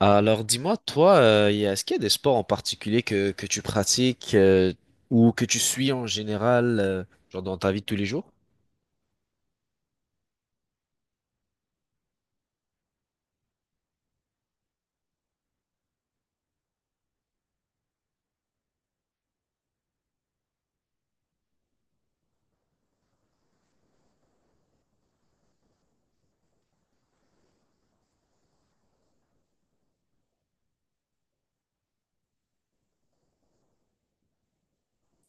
Alors dis-moi, toi, est-ce qu'il y a des sports en particulier que tu pratiques ou que tu suis en général, genre dans ta vie de tous les jours?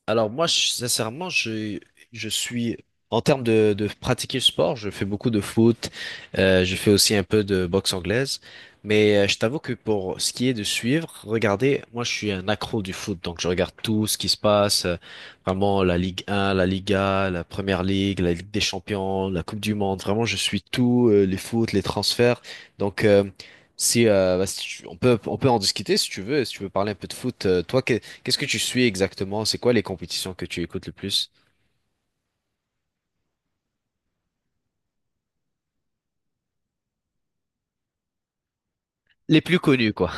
Alors moi, sincèrement, je suis, en termes de pratiquer le sport, je fais beaucoup de foot, je fais aussi un peu de boxe anglaise, mais je t'avoue que pour ce qui est de suivre, regardez, moi je suis un accro du foot, donc je regarde tout ce qui se passe, vraiment la Ligue 1, la Liga, la Première Ligue, la Ligue des Champions, la Coupe du Monde, vraiment je suis tout, les foot, les transferts, donc... Si, bah, si tu- on peut en discuter si tu veux si tu veux parler un peu de foot. Qu'est-ce que tu suis exactement? C'est quoi les compétitions que tu écoutes le plus? Les plus connues, quoi.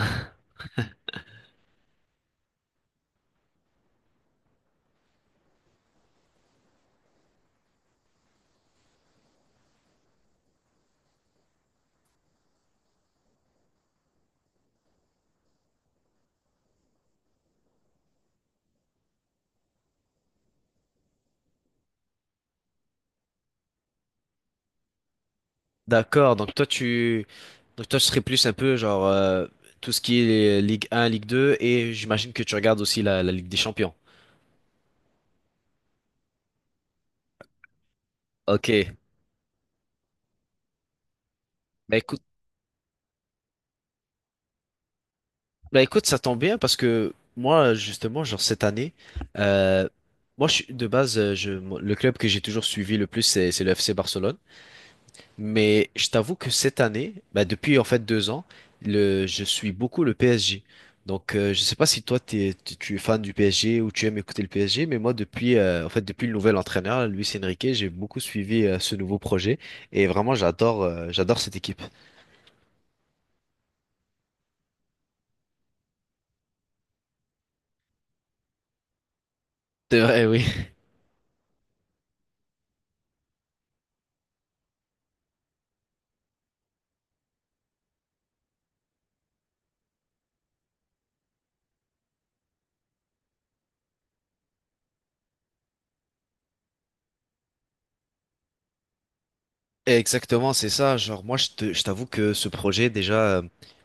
D'accord. Donc toi, tu serais plus un peu genre tout ce qui est Ligue 1, Ligue 2, et j'imagine que tu regardes aussi la Ligue des Champions. Ok. Bah écoute, bah écoute, ça tombe bien parce que moi, justement, genre cette année, euh, moi, de base, le club que j'ai toujours suivi le plus, c'est le FC Barcelone. Mais je t'avoue que cette année, bah depuis en fait deux ans, je suis beaucoup le PSG. Donc je sais pas si toi t'es, tu es fan du PSG ou tu aimes écouter le PSG, mais moi depuis en fait depuis le nouvel entraîneur Luis Enrique, j'ai beaucoup suivi ce nouveau projet et vraiment j'adore j'adore cette équipe. C'est vrai, oui. Exactement, c'est ça. Genre, moi, je t'avoue que ce projet, déjà,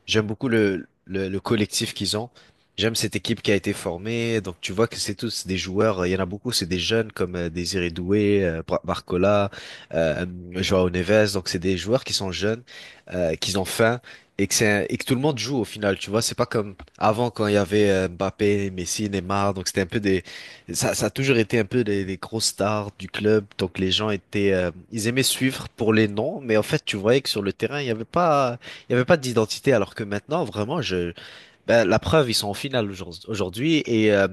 j'aime beaucoup le collectif qu'ils ont. J'aime cette équipe qui a été formée. Donc, tu vois que c'est tous des joueurs. Il y en a beaucoup, c'est des jeunes comme Désiré Doué, Barcola, euh, Joao Neves. Donc, c'est des joueurs qui sont jeunes, qui ont faim et que c'est, et que tout le monde joue au final. Tu vois, c'est pas comme avant quand il y avait Mbappé, Messi, Neymar. Donc, c'était un peu des, ça a toujours été un peu les grosses stars du club, donc les gens étaient, ils aimaient suivre pour les noms, mais en fait, tu voyais que sur le terrain, il n'y avait pas, il y avait pas d'identité, alors que maintenant, vraiment, ben, la preuve, ils sont en finale aujourd'hui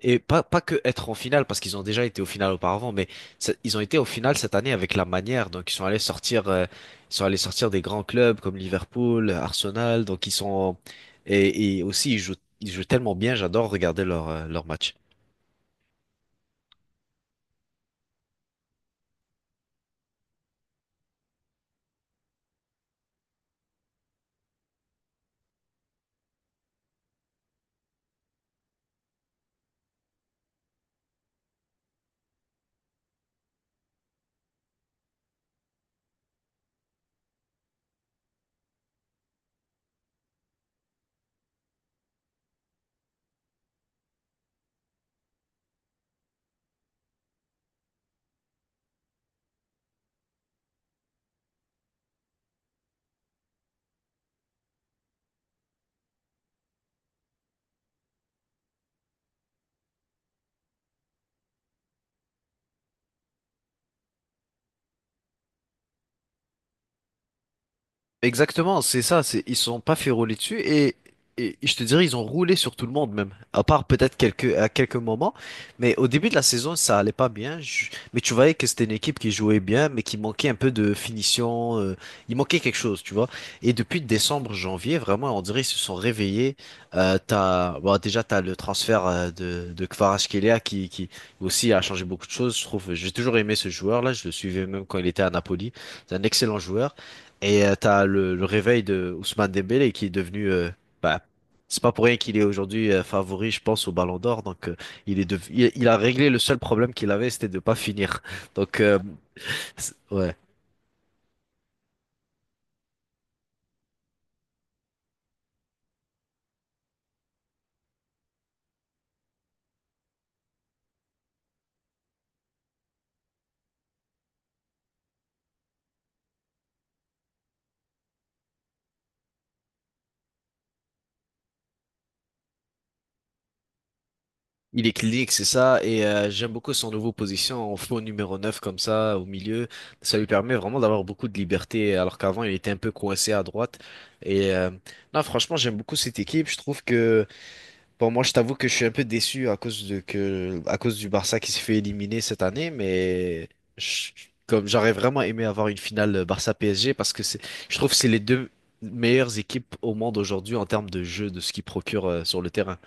et pas que être en finale parce qu'ils ont déjà été au final auparavant, mais ils ont été au final cette année avec la manière, donc ils sont allés sortir, ils sont allés sortir des grands clubs comme Liverpool, Arsenal, donc ils sont et aussi ils jouent tellement bien, j'adore regarder leur leur match. Exactement, c'est ça, c'est ils se sont pas fait rouler dessus et je te dirais ils ont roulé sur tout le monde même, à part peut-être quelques à quelques moments, mais au début de la saison ça allait pas bien, mais tu voyais que c'était une équipe qui jouait bien mais qui manquait un peu de finition, il manquait quelque chose, tu vois. Et depuis décembre, janvier, vraiment on dirait ils se sont réveillés. T'as bon, déjà t'as le transfert de Kvaratskhelia qui aussi a changé beaucoup de choses, je trouve. J'ai toujours aimé ce joueur là, je le suivais même quand il était à Napoli, c'est un excellent joueur. Et t'as le réveil de Ousmane Dembélé qui est devenu, bah, c'est pas pour rien qu'il est aujourd'hui favori, je pense, au Ballon d'Or. Donc, il a réglé le seul problème qu'il avait, c'était de pas finir. Donc, ouais, il est clinique, c'est ça. Et j'aime beaucoup son nouveau position en faux numéro 9 comme ça, au milieu. Ça lui permet vraiment d'avoir beaucoup de liberté, alors qu'avant il était un peu coincé à droite. Et non, franchement, j'aime beaucoup cette équipe. Je trouve que bon, moi, je t'avoue que je suis un peu déçu à cause de que, à cause du Barça qui s'est fait éliminer cette année, mais je- comme j'aurais vraiment aimé avoir une finale Barça-PSG parce que c'est, je trouve que c'est les deux meilleures équipes au monde aujourd'hui en termes de jeu, de ce qu'ils procurent sur le terrain.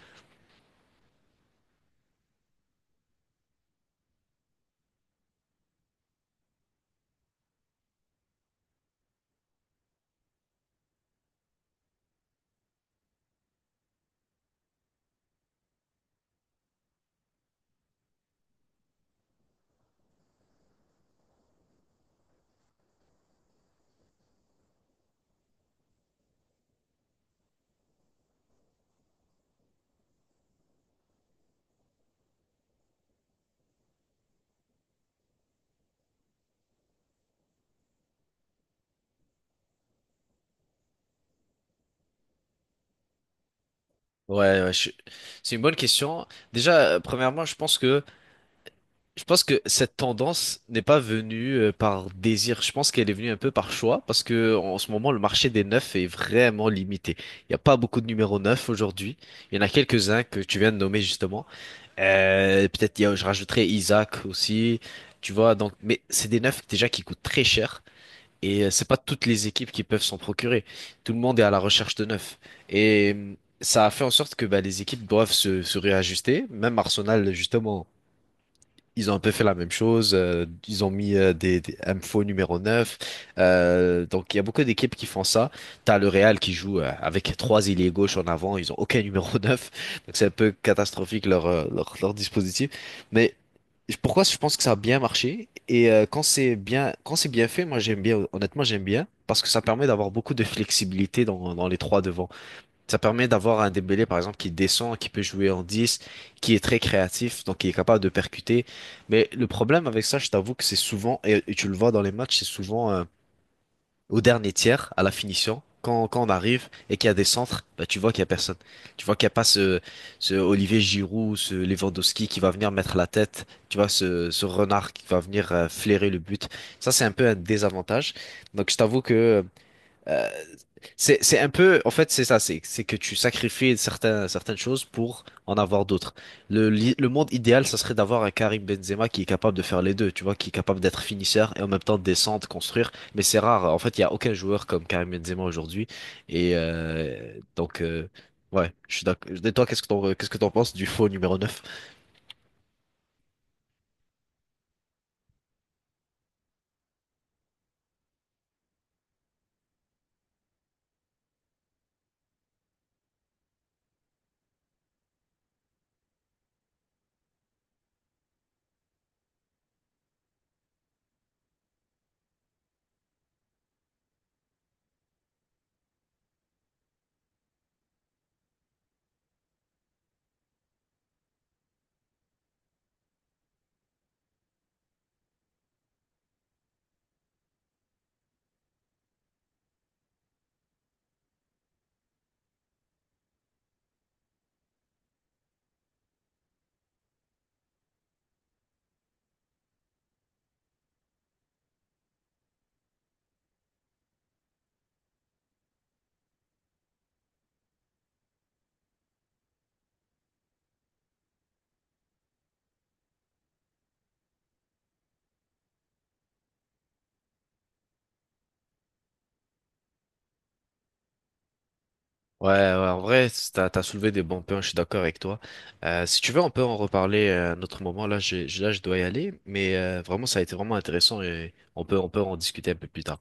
Ouais, ouais, je- c'est une bonne question. Déjà, premièrement, Je pense que cette tendance n'est pas venue par désir. Je pense qu'elle est venue un peu par choix parce que en ce moment, le marché des neufs est vraiment limité. Il n'y a pas beaucoup de numéros neufs aujourd'hui. Il y en a quelques-uns que tu viens de nommer justement. Peut-être je rajouterais Isaac aussi. Tu vois, donc, mais c'est des neufs déjà qui coûtent très cher et c'est pas toutes les équipes qui peuvent s'en procurer. Tout le monde est à la recherche de neufs et ça a fait en sorte que bah, les équipes doivent se réajuster. Même Arsenal, justement. Ils ont un peu fait la même chose. Ils ont mis des infos numéro 9. Donc, il y a beaucoup d'équipes qui font ça. T'as le Real qui joue avec trois ailiers gauche en avant. Ils ont aucun numéro 9. Donc, c'est un peu catastrophique leur, leur dispositif. Mais pourquoi je pense que ça a bien marché? Et quand c'est bien fait, moi, j'aime bien. Honnêtement, j'aime bien. Parce que ça permet d'avoir beaucoup de flexibilité dans les trois devants. Ça permet d'avoir un Dembélé, par exemple, qui descend, qui peut jouer en 10, qui est très créatif, donc qui est capable de percuter. Mais le problème avec ça, je t'avoue que c'est souvent, et tu le vois dans les matchs, c'est souvent au dernier tiers, à la finition, quand on arrive et qu'il y a des centres, bah, tu vois qu'il y a personne. Tu vois qu'il n'y a pas ce Olivier Giroud, ce Lewandowski qui va venir mettre la tête, tu vois, ce renard qui va venir flairer le but. Ça, c'est un peu un désavantage. Donc, je t'avoue que... euh, c'est un peu, en fait, c'est ça, c'est que tu sacrifies certaines choses pour en avoir d'autres. Le monde idéal, ça serait d'avoir un Karim Benzema qui est capable de faire les deux, tu vois, qui est capable d'être finisseur et en même temps de descendre, construire. Mais c'est rare. En fait, il n'y a aucun joueur comme Karim Benzema aujourd'hui. Et donc, ouais, je suis d'accord. Et toi, qu'est-ce que t'en penses du faux numéro neuf? Ouais, ouais, en vrai, t'as soulevé des bons points, je suis d'accord avec toi. Si tu veux, on peut en reparler à un autre moment. Là, là, je dois y aller, mais vraiment, ça a été vraiment intéressant et on peut en discuter un peu plus tard.